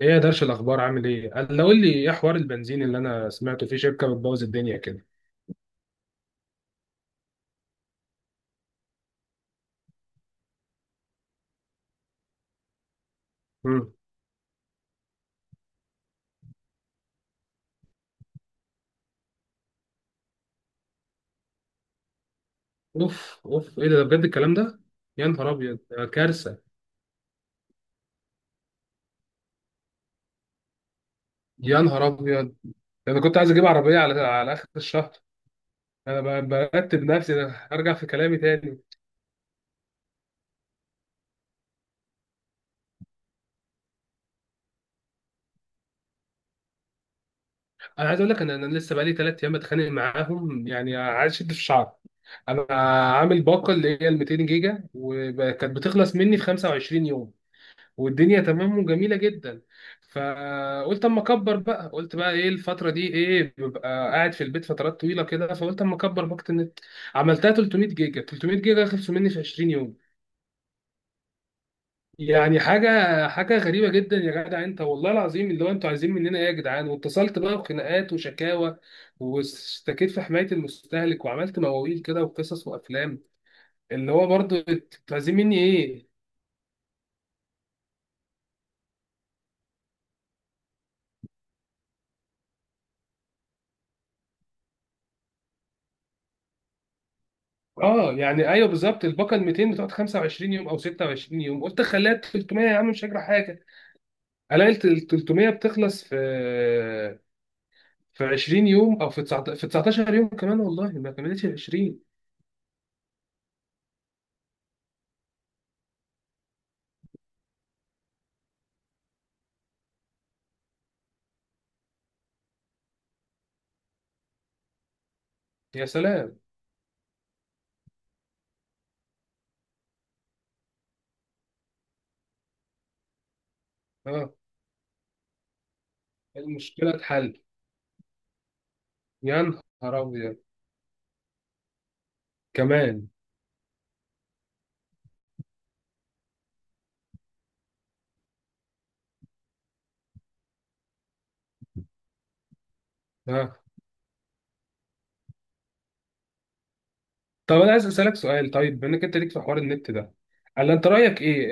ايه يا درش؟ الاخبار عامل ايه؟ قول لي ايه حوار البنزين اللي انا سمعته في شركه بتبوظ الدنيا كده؟ امم. اوف اوف، ايه ده بجد الكلام ده؟ يا نهار ابيض، ده كارثه. يا نهار ابيض. ده انا كنت عايز اجيب عربيه على اخر الشهر. انا برتب نفسي، ده ارجع في كلامي تاني. انا عايز اقول لك، انا لسه بقالي 3 ايام بتخانق معاهم، يعني عايز اشد في الشعر. انا عامل باقه اللي هي ال 200 جيجا وكانت بتخلص مني في 25 يوم، والدنيا تمام وجميله جدا. فقلت اما اكبر بقى، قلت بقى ايه، الفتره دي ايه ببقى قاعد في البيت فترات طويله كده، فقلت اما اكبر باقه النت. عملتها 300 جيجا، 300 جيجا خلصوا مني في 20 يوم. يعني حاجه غريبه جدا يا جدع، انت والله العظيم اللي هو انتوا عايزين مننا ايه يا جدعان؟ واتصلت بقى بخناقات وشكاوى، واشتكيت في حمايه المستهلك، وعملت مواويل كده وقصص وافلام. اللي هو برضه انتوا عايزين مني ايه؟ اه يعني ايوه، بالظبط الباقه ال 200 بتقعد 25 يوم او 26 يوم، قلت خليها 300 يا عم مش هجرى حاجه. الاقي ال 300 بتخلص في 20 يوم، او في 19 يوم كمان، والله ما كملتش ال 20. يا سلام. اه، المشكله اتحل. يا نهار ابيض، كمان. اه، طب انا عايز اسالك سؤال. طيب بما انك انت ليك في حوار النت ده، هل انت رايك ايه؟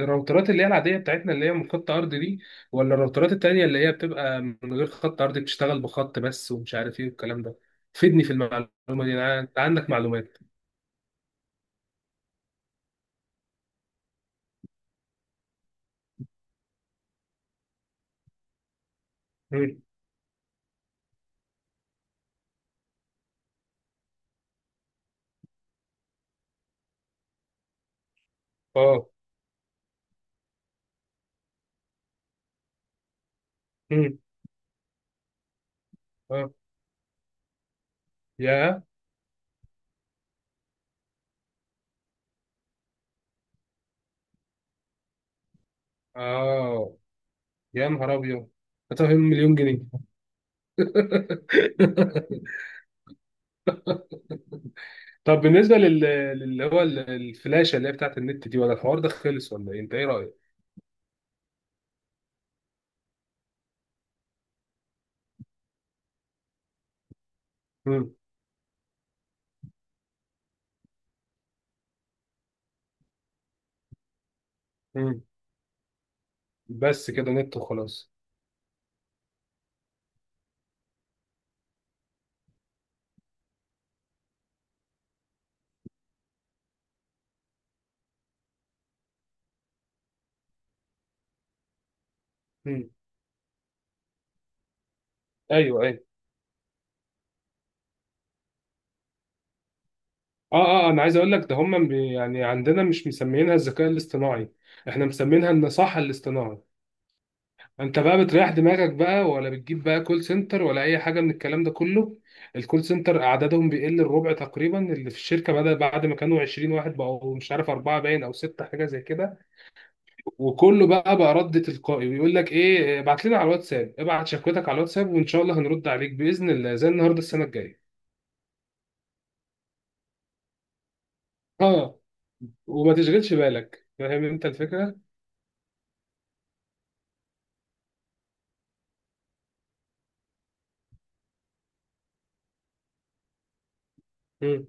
الراوترات اللي هي العاديه بتاعتنا اللي هي من خط ارضي دي، ولا الراوترات التانيه اللي هي بتبقى من غير خط ارضي، بتشتغل بخط بس ومش عارف ايه والكلام ده؟ فيدني في المعلومه دي، انا انت عندك معلومات. مم. اه. مم. اه يا... اه يا نهار ابيض، هتفهم مليون جنيه. طب بالنسبه اللي هو الفلاشه اللي هي بتاعت النت دي، ولا الحوار ده خلص ولا ايه انت ايه رايك؟ مم. مم. بس كده نت وخلاص. مم. ايوه ايوه. اه اه. انا عايز اقول لك، ده هم يعني عندنا مش مسميينها الذكاء الاصطناعي، احنا مسمينها النصاحه الاصطناعي. انت بقى بتريح دماغك بقى ولا بتجيب بقى كول سنتر، ولا اي حاجه من الكلام ده كله؟ الكول سنتر اعدادهم بيقل الربع تقريبا، اللي في الشركه بدأ بعد ما كانوا 20 واحد، بقوا مش عارف اربعه باين او سته حاجه زي كده، وكله بقى رد تلقائي، ويقول لك ايه ابعت لنا على الواتساب، ابعت شكوتك على الواتساب، وان شاء الله هنرد عليك باذن الله زي النهارده السنه الجايه. اه، وما تشغلش بالك، فاهم انت الفكره. مم.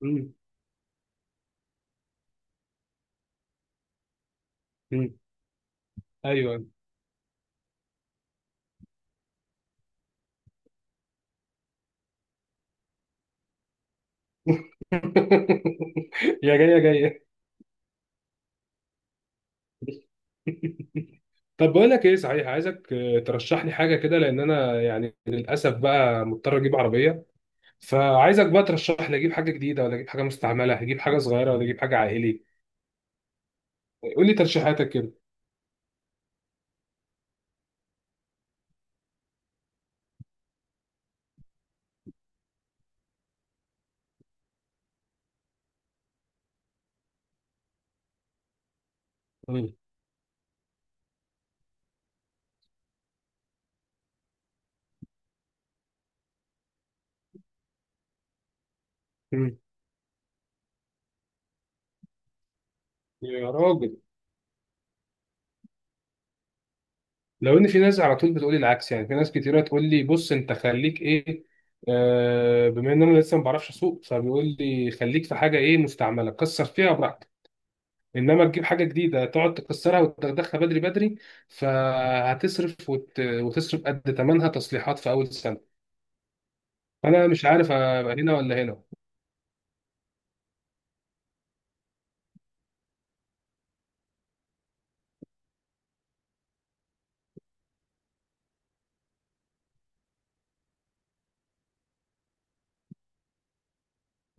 مم. مم. ايوه. يا جاي يا جاي. طب بقول لك ايه صحيح، عايزك ترشح لي حاجه كده، لان انا يعني للاسف بقى مضطر اجيب عربيه. فعايزك بقى ترشح لي، اجيب حاجه جديده ولا اجيب حاجه مستعمله، اجيب حاجه صغيره ولا اجيب حاجه عائلي. قول لي ترشيحاتك كده. مم. مم. يا راجل، لو ان في ناس على طول بتقولي العكس. يعني في ناس كتيره تقول لي بص، انت خليك ايه، بما ان انا لسه ما بعرفش اسوق، فبيقول لي خليك في حاجه ايه مستعمله، كسر فيها براحتك. انما تجيب حاجه جديده تقعد تكسرها وتدخلها بدري بدري، فهتصرف وتصرف قد ثمنها تصليحات في اول سنه. فانا مش عارف ابقى هنا ولا هنا.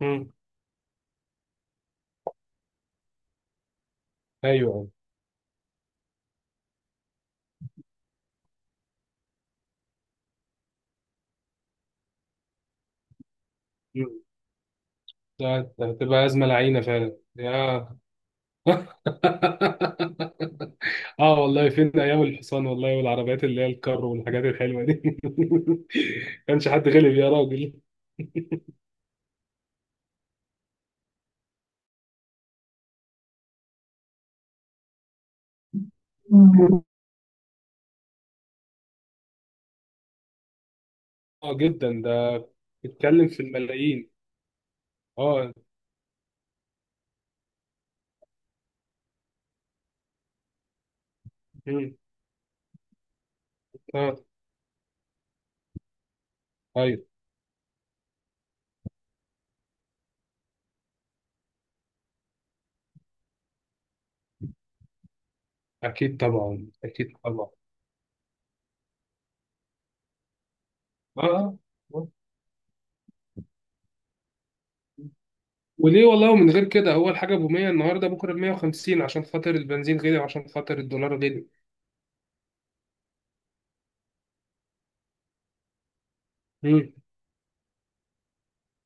مم. ايوه. مم. ده هتبقى ازمه لعينه فعلا يا... اه والله، فين ايام الحصان والله، والعربيات اللي هي الكار والحاجات الحلوه دي. كانش حد غلب يا راجل؟ مم. اه جدا ده، بيتكلم في الملايين. اه. مم. اه. ايوه. اكيد طبعا، اكيد طبعا. اه. آه. آه. وليه؟ والله من غير كده اول حاجه ب 100، النهارده بكره ب 150، عشان خاطر البنزين غلي وعشان خاطر الدولار غلي. مم.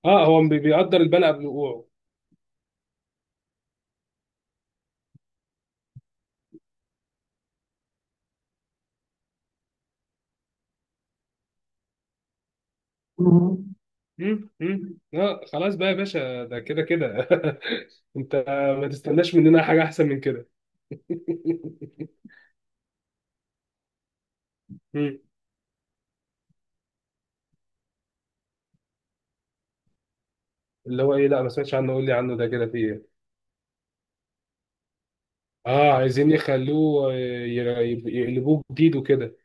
اه، هو بيقدر البلع بوقوعه. مم. مم، مم. لا خلاص بقى يا باشا، ده كده كده. انت ما تستناش مننا حاجه احسن من كده. مم. اللي هو ايه؟ لا ما سمعتش عنه، قول لي عنه ده كده في ايه؟ اه، عايزين يخلوه، يقلبوه جديد وكده.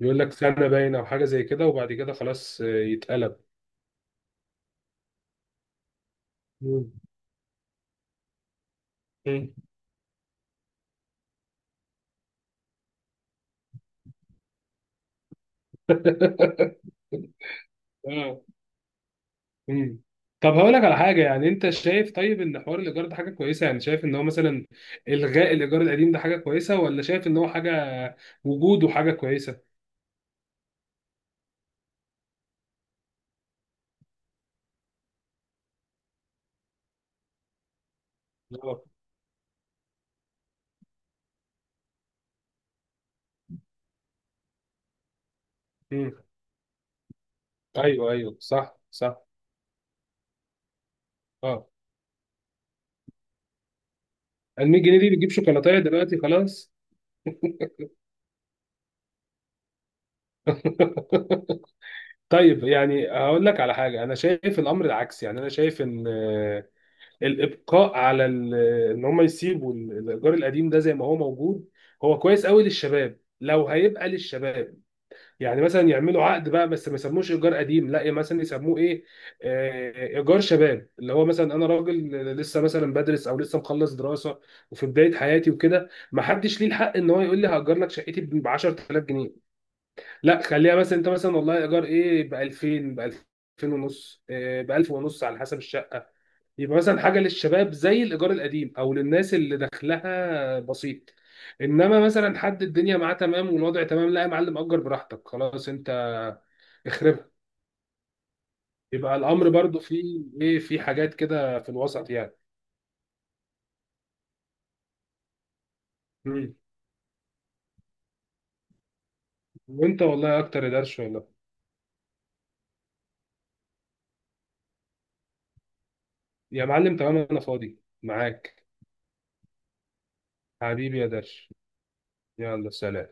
يقول لك سنه باينه او حاجه زي كده، وبعد كده خلاص يتقلب. مم. مم. اه. مم. طب هقول لك على حاجه، يعني انت شايف طيب ان حوار الايجار ده حاجه كويسه؟ يعني شايف ان هو مثلا الغاء الايجار القديم ده حاجه كويسه، ولا شايف ان هو حاجه وجوده حاجه كويسه؟ اه. مم. ايوه ايوه. صح صح. اه. ال 100 جنيه دي بتجيب شوكولاتايه دلوقتي خلاص. طيب يعني هقول لك على حاجه، انا شايف الامر العكسي. يعني انا شايف ان الابقاء على ان هم يسيبوا الايجار القديم ده زي ما هو موجود، هو كويس قوي للشباب لو هيبقى للشباب. يعني مثلا يعملوا عقد بقى بس ما يسموش ايجار قديم، لا يعني مثلا يسموه ايه، ايجار شباب. اللي هو مثلا انا راجل لسه مثلا بدرس، او لسه مخلص دراسه وفي بدايه حياتي وكده، ما حدش ليه الحق ان هو يقول لي هاجر لك شقتي ب 10000 جنيه. لا خليها مثلا، انت مثلا والله ايجار ايه ب 2000، ب 2000 ونص، ب 1000 ونص على حسب الشقه. يبقى مثلا حاجه للشباب زي الايجار القديم، او للناس اللي دخلها بسيط. انما مثلا حد الدنيا معاه تمام والوضع تمام، لا يا معلم اجر براحتك خلاص، انت اخربها. يبقى الامر برضو فيه ايه، في حاجات كده في الوسط يعني. مم. وانت والله اكتر يا درش والله. يا معلم تمام، انا فاضي معاك. حبيبي يا درش. يلا، سلام.